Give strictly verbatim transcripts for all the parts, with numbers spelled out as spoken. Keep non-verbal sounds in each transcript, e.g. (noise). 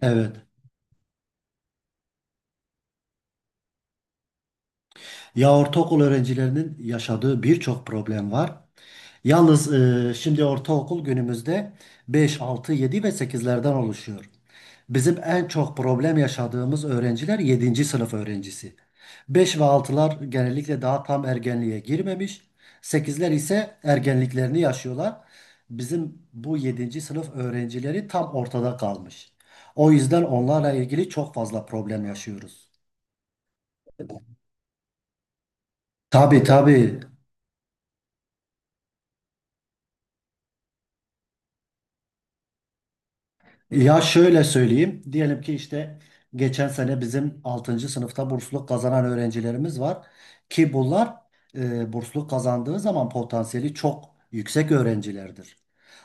Evet. Ya ortaokul öğrencilerinin yaşadığı birçok problem var. Yalnız e, şimdi ortaokul günümüzde beş, altı, yedi ve sekizlerden oluşuyor. Bizim en çok problem yaşadığımız öğrenciler yedinci sınıf öğrencisi. Beş ve altılar genellikle daha tam ergenliğe girmemiş. Sekizler ise ergenliklerini yaşıyorlar. Bizim bu yedinci sınıf öğrencileri tam ortada kalmış. O yüzden onlarla ilgili çok fazla problem yaşıyoruz. Tabii tabii. Ya şöyle söyleyeyim. Diyelim ki işte geçen sene bizim altıncı sınıfta bursluluk kazanan öğrencilerimiz var. Ki bunlar e, bursluluk kazandığı zaman potansiyeli çok yüksek öğrencilerdir.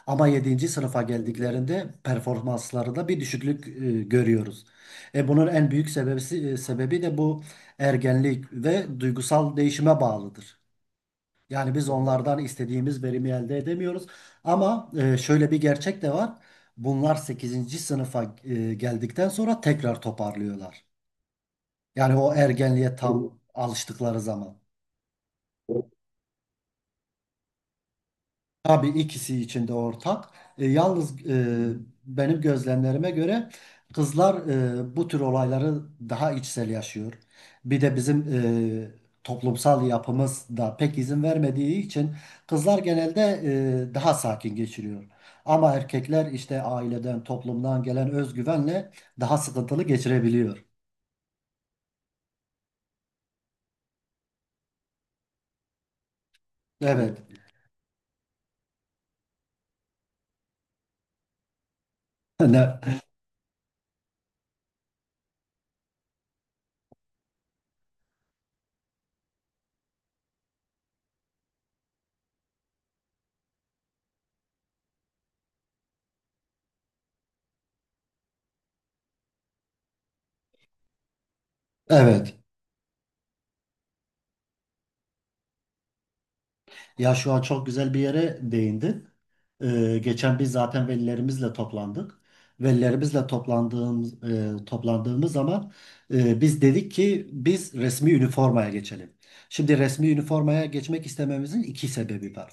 Ama yedinci sınıfa geldiklerinde performanslarında bir düşüklük e, görüyoruz. E, bunun en büyük sebebisi, e, sebebi de bu ergenlik ve duygusal değişime bağlıdır. Yani biz onlardan istediğimiz verimi elde edemiyoruz. Ama e, şöyle bir gerçek de var. Bunlar sekizinci sınıfa e, geldikten sonra tekrar toparlıyorlar. Yani o ergenliğe tam alıştıkları zaman. Tabii, ikisi için de ortak. E, yalnız, e, benim gözlemlerime göre kızlar e, bu tür olayları daha içsel yaşıyor. Bir de bizim e, toplumsal yapımız da pek izin vermediği için kızlar genelde e, daha sakin geçiriyor. Ama erkekler işte aileden, toplumdan gelen özgüvenle daha sıkıntılı geçirebiliyor. Evet. (laughs) Ne? Evet. Ya şu an çok güzel bir yere değindin. Ee, geçen biz zaten velilerimizle toplandık. Velilerimizle toplandığımız, e, toplandığımız zaman e, biz dedik ki biz resmi üniformaya geçelim. Şimdi resmi üniformaya geçmek istememizin iki sebebi var.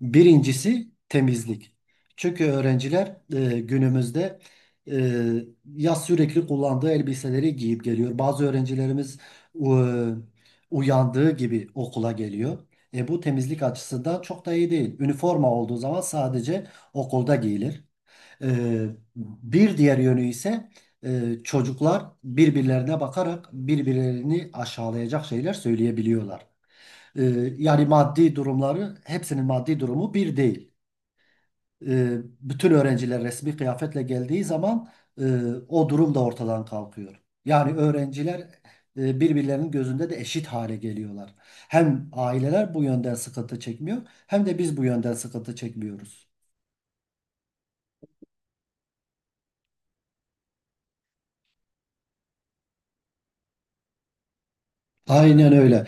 Birincisi temizlik. Çünkü öğrenciler e, günümüzde e, ya sürekli kullandığı elbiseleri giyip geliyor. Bazı öğrencilerimiz e, uyandığı gibi okula geliyor. E, bu temizlik açısı da çok da iyi değil. Üniforma olduğu zaman sadece okulda giyilir. E, Bir diğer yönü ise e, çocuklar birbirlerine bakarak birbirlerini aşağılayacak şeyler söyleyebiliyorlar. E, Yani maddi durumları, hepsinin maddi durumu bir değil, e, bütün öğrenciler resmi kıyafetle geldiği zaman e, o durum da ortadan kalkıyor. Yani öğrenciler e, birbirlerinin gözünde de eşit hale geliyorlar. Hem aileler bu yönden sıkıntı çekmiyor, hem de biz bu yönden sıkıntı çekmiyoruz. Aynen öyle.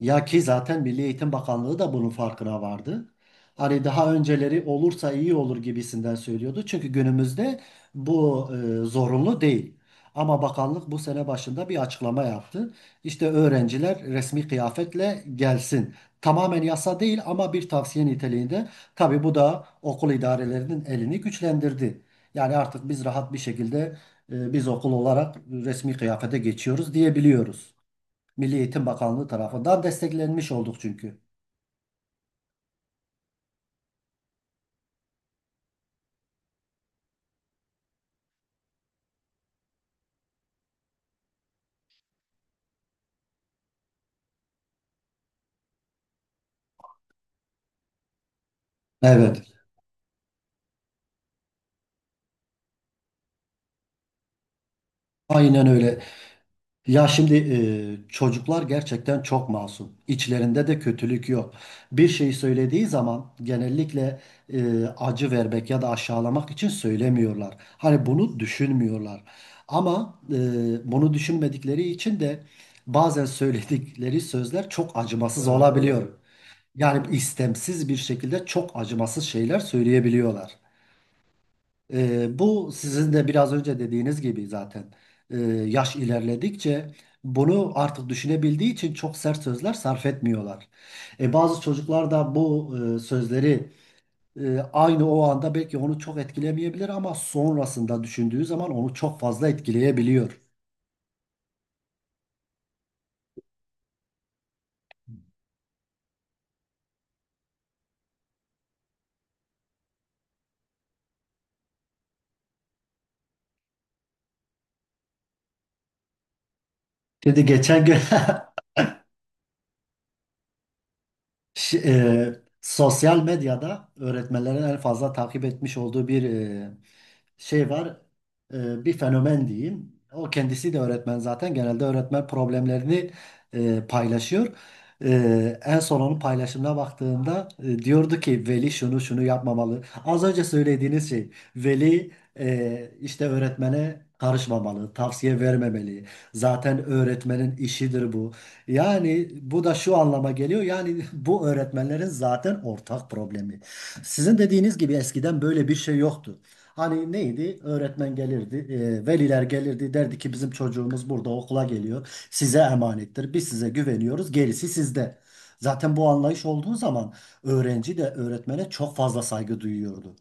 Ya ki zaten Milli Eğitim Bakanlığı da bunun farkına vardı. Hani daha önceleri olursa iyi olur gibisinden söylüyordu. Çünkü günümüzde bu e, zorunlu değil. Ama bakanlık bu sene başında bir açıklama yaptı. İşte öğrenciler resmi kıyafetle gelsin. Tamamen yasa değil ama bir tavsiye niteliğinde. Tabii bu da okul idarelerinin elini güçlendirdi. Yani artık biz rahat bir şekilde e, biz okul olarak resmi kıyafete geçiyoruz diyebiliyoruz. Milli Eğitim Bakanlığı tarafından desteklenmiş olduk çünkü. Evet. Aynen öyle. Ya şimdi e, çocuklar gerçekten çok masum. İçlerinde de kötülük yok. Bir şey söylediği zaman genellikle e, acı vermek ya da aşağılamak için söylemiyorlar. Hani bunu düşünmüyorlar. Ama e, bunu düşünmedikleri için de bazen söyledikleri sözler çok acımasız olabiliyor. Yani istemsiz bir şekilde çok acımasız şeyler söyleyebiliyorlar. Ee, bu sizin de biraz önce dediğiniz gibi zaten e, yaş ilerledikçe bunu artık düşünebildiği için çok sert sözler sarf etmiyorlar. E, bazı çocuklar da bu e, sözleri e, aynı o anda belki onu çok etkilemeyebilir ama sonrasında düşündüğü zaman onu çok fazla etkileyebiliyor. Şimdi geçen gün (laughs) Ş- e, sosyal medyada öğretmenlerin en fazla takip etmiş olduğu bir e, şey var. E, bir fenomen diyeyim. O kendisi de öğretmen zaten. Genelde öğretmen problemlerini e, paylaşıyor. E, en son onun paylaşımına baktığımda e, diyordu ki veli şunu şunu yapmamalı. Az önce söylediğiniz şey, veli e, işte öğretmene karışmamalı, tavsiye vermemeli. Zaten öğretmenin işidir bu. Yani bu da şu anlama geliyor. Yani (laughs) bu öğretmenlerin zaten ortak problemi. Sizin dediğiniz gibi eskiden böyle bir şey yoktu. Hani neydi? Öğretmen gelirdi, e, veliler gelirdi, derdi ki bizim çocuğumuz burada okula geliyor. Size emanettir. Biz size güveniyoruz. Gerisi sizde. Zaten bu anlayış olduğu zaman öğrenci de öğretmene çok fazla saygı duyuyordu.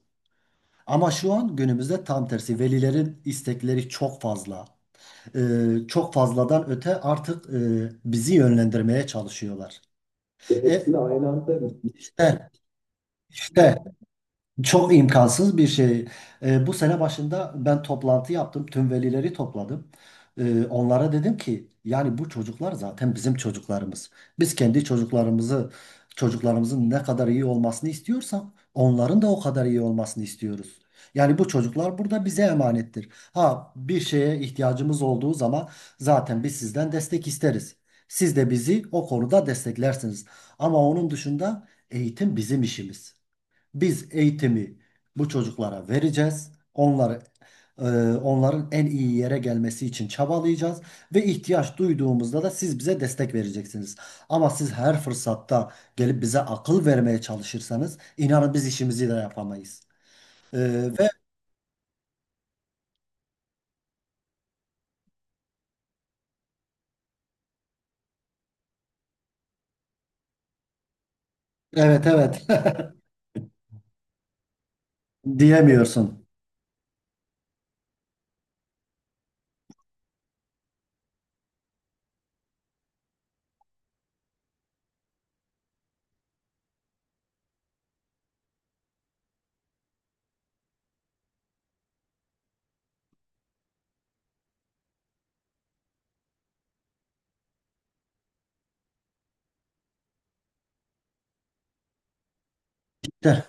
Ama şu an günümüzde tam tersi. Velilerin istekleri çok fazla, e, çok fazladan öte artık e, bizi yönlendirmeye çalışıyorlar. E, Hepsini aynı anda işte, işte çok imkansız bir şey. Ee, bu sene başında ben toplantı yaptım. Tüm velileri topladım. Ee, onlara dedim ki yani bu çocuklar zaten bizim çocuklarımız. Biz kendi çocuklarımızı, çocuklarımızın ne kadar iyi olmasını istiyorsak onların da o kadar iyi olmasını istiyoruz. Yani bu çocuklar burada bize emanettir. Ha bir şeye ihtiyacımız olduğu zaman zaten biz sizden destek isteriz. Siz de bizi o konuda desteklersiniz. Ama onun dışında eğitim bizim işimiz. Biz eğitimi bu çocuklara vereceğiz. Onları e, Onların en iyi yere gelmesi için çabalayacağız ve ihtiyaç duyduğumuzda da siz bize destek vereceksiniz. Ama siz her fırsatta gelip bize akıl vermeye çalışırsanız inanın biz işimizi de yapamayız. E, Ve evet, evet, (laughs) diyemiyorsun. De,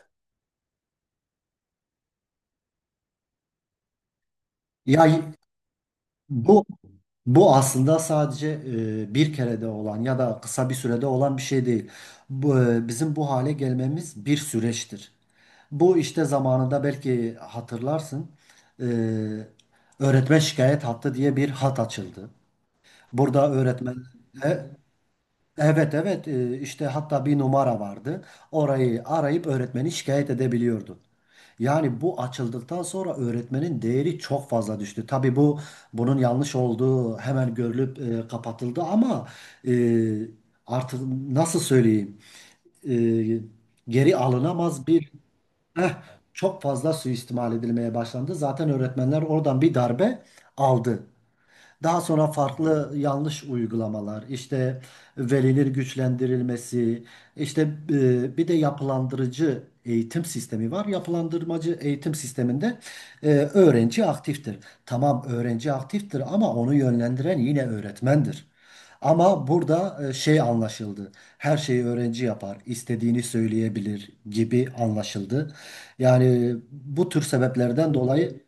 ya bu bu aslında sadece e, bir kerede olan ya da kısa bir sürede olan bir şey değil. Bu, e, bizim bu hale gelmemiz bir süreçtir. Bu işte zamanında belki hatırlarsın, e, öğretmen şikayet hattı diye bir hat açıldı. Burada öğretmen e, evet, evet, e, işte hatta bir numara vardı. Orayı arayıp öğretmeni şikayet edebiliyordu. Yani bu açıldıktan sonra öğretmenin değeri çok fazla düştü. Tabii bu, bunun yanlış olduğu hemen görülüp e, kapatıldı ama e, artık nasıl söyleyeyim, e, geri alınamaz bir eh, çok fazla suistimal edilmeye başlandı. Zaten öğretmenler oradan bir darbe aldı. Daha sonra farklı yanlış uygulamalar, işte veliler güçlendirilmesi, işte e, bir de yapılandırıcı eğitim sistemi var. Yapılandırmacı eğitim sisteminde e, öğrenci aktiftir. Tamam, öğrenci aktiftir ama onu yönlendiren yine öğretmendir. Ama burada e, şey anlaşıldı. Her şeyi öğrenci yapar, istediğini söyleyebilir gibi anlaşıldı. Yani bu tür sebeplerden dolayı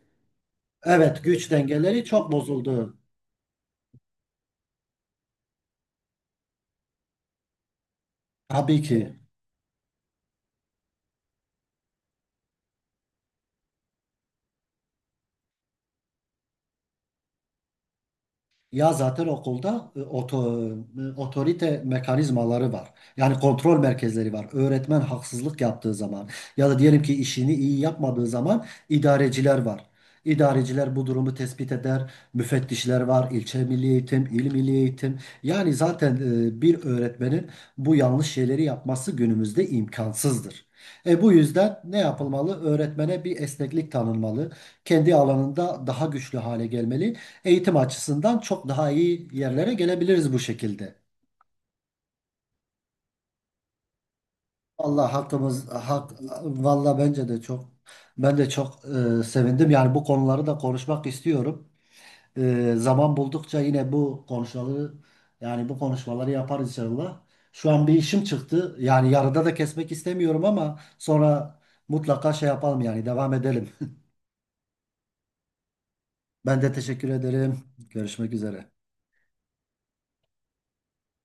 evet, güç dengeleri çok bozuldu. Tabii ki. Ya zaten okulda e, oto, e, otorite mekanizmaları var. Yani kontrol merkezleri var. Öğretmen haksızlık yaptığı zaman ya da diyelim ki işini iyi yapmadığı zaman idareciler var. İdareciler bu durumu tespit eder. Müfettişler var. İlçe Milli Eğitim, il milli Eğitim. Yani zaten e, bir öğretmenin bu yanlış şeyleri yapması günümüzde imkansızdır. E bu yüzden ne yapılmalı? Öğretmene bir esneklik tanınmalı. Kendi alanında daha güçlü hale gelmeli, eğitim açısından çok daha iyi yerlere gelebiliriz bu şekilde. Allah hakkımız hak, valla bence de çok, ben de çok e, sevindim. Yani bu konuları da konuşmak istiyorum. E, zaman buldukça yine bu konuşmaları yani bu konuşmaları yaparız inşallah. Şu an bir işim çıktı. Yani yarıda da kesmek istemiyorum ama sonra mutlaka şey yapalım, yani devam edelim. Ben de teşekkür ederim. Görüşmek üzere.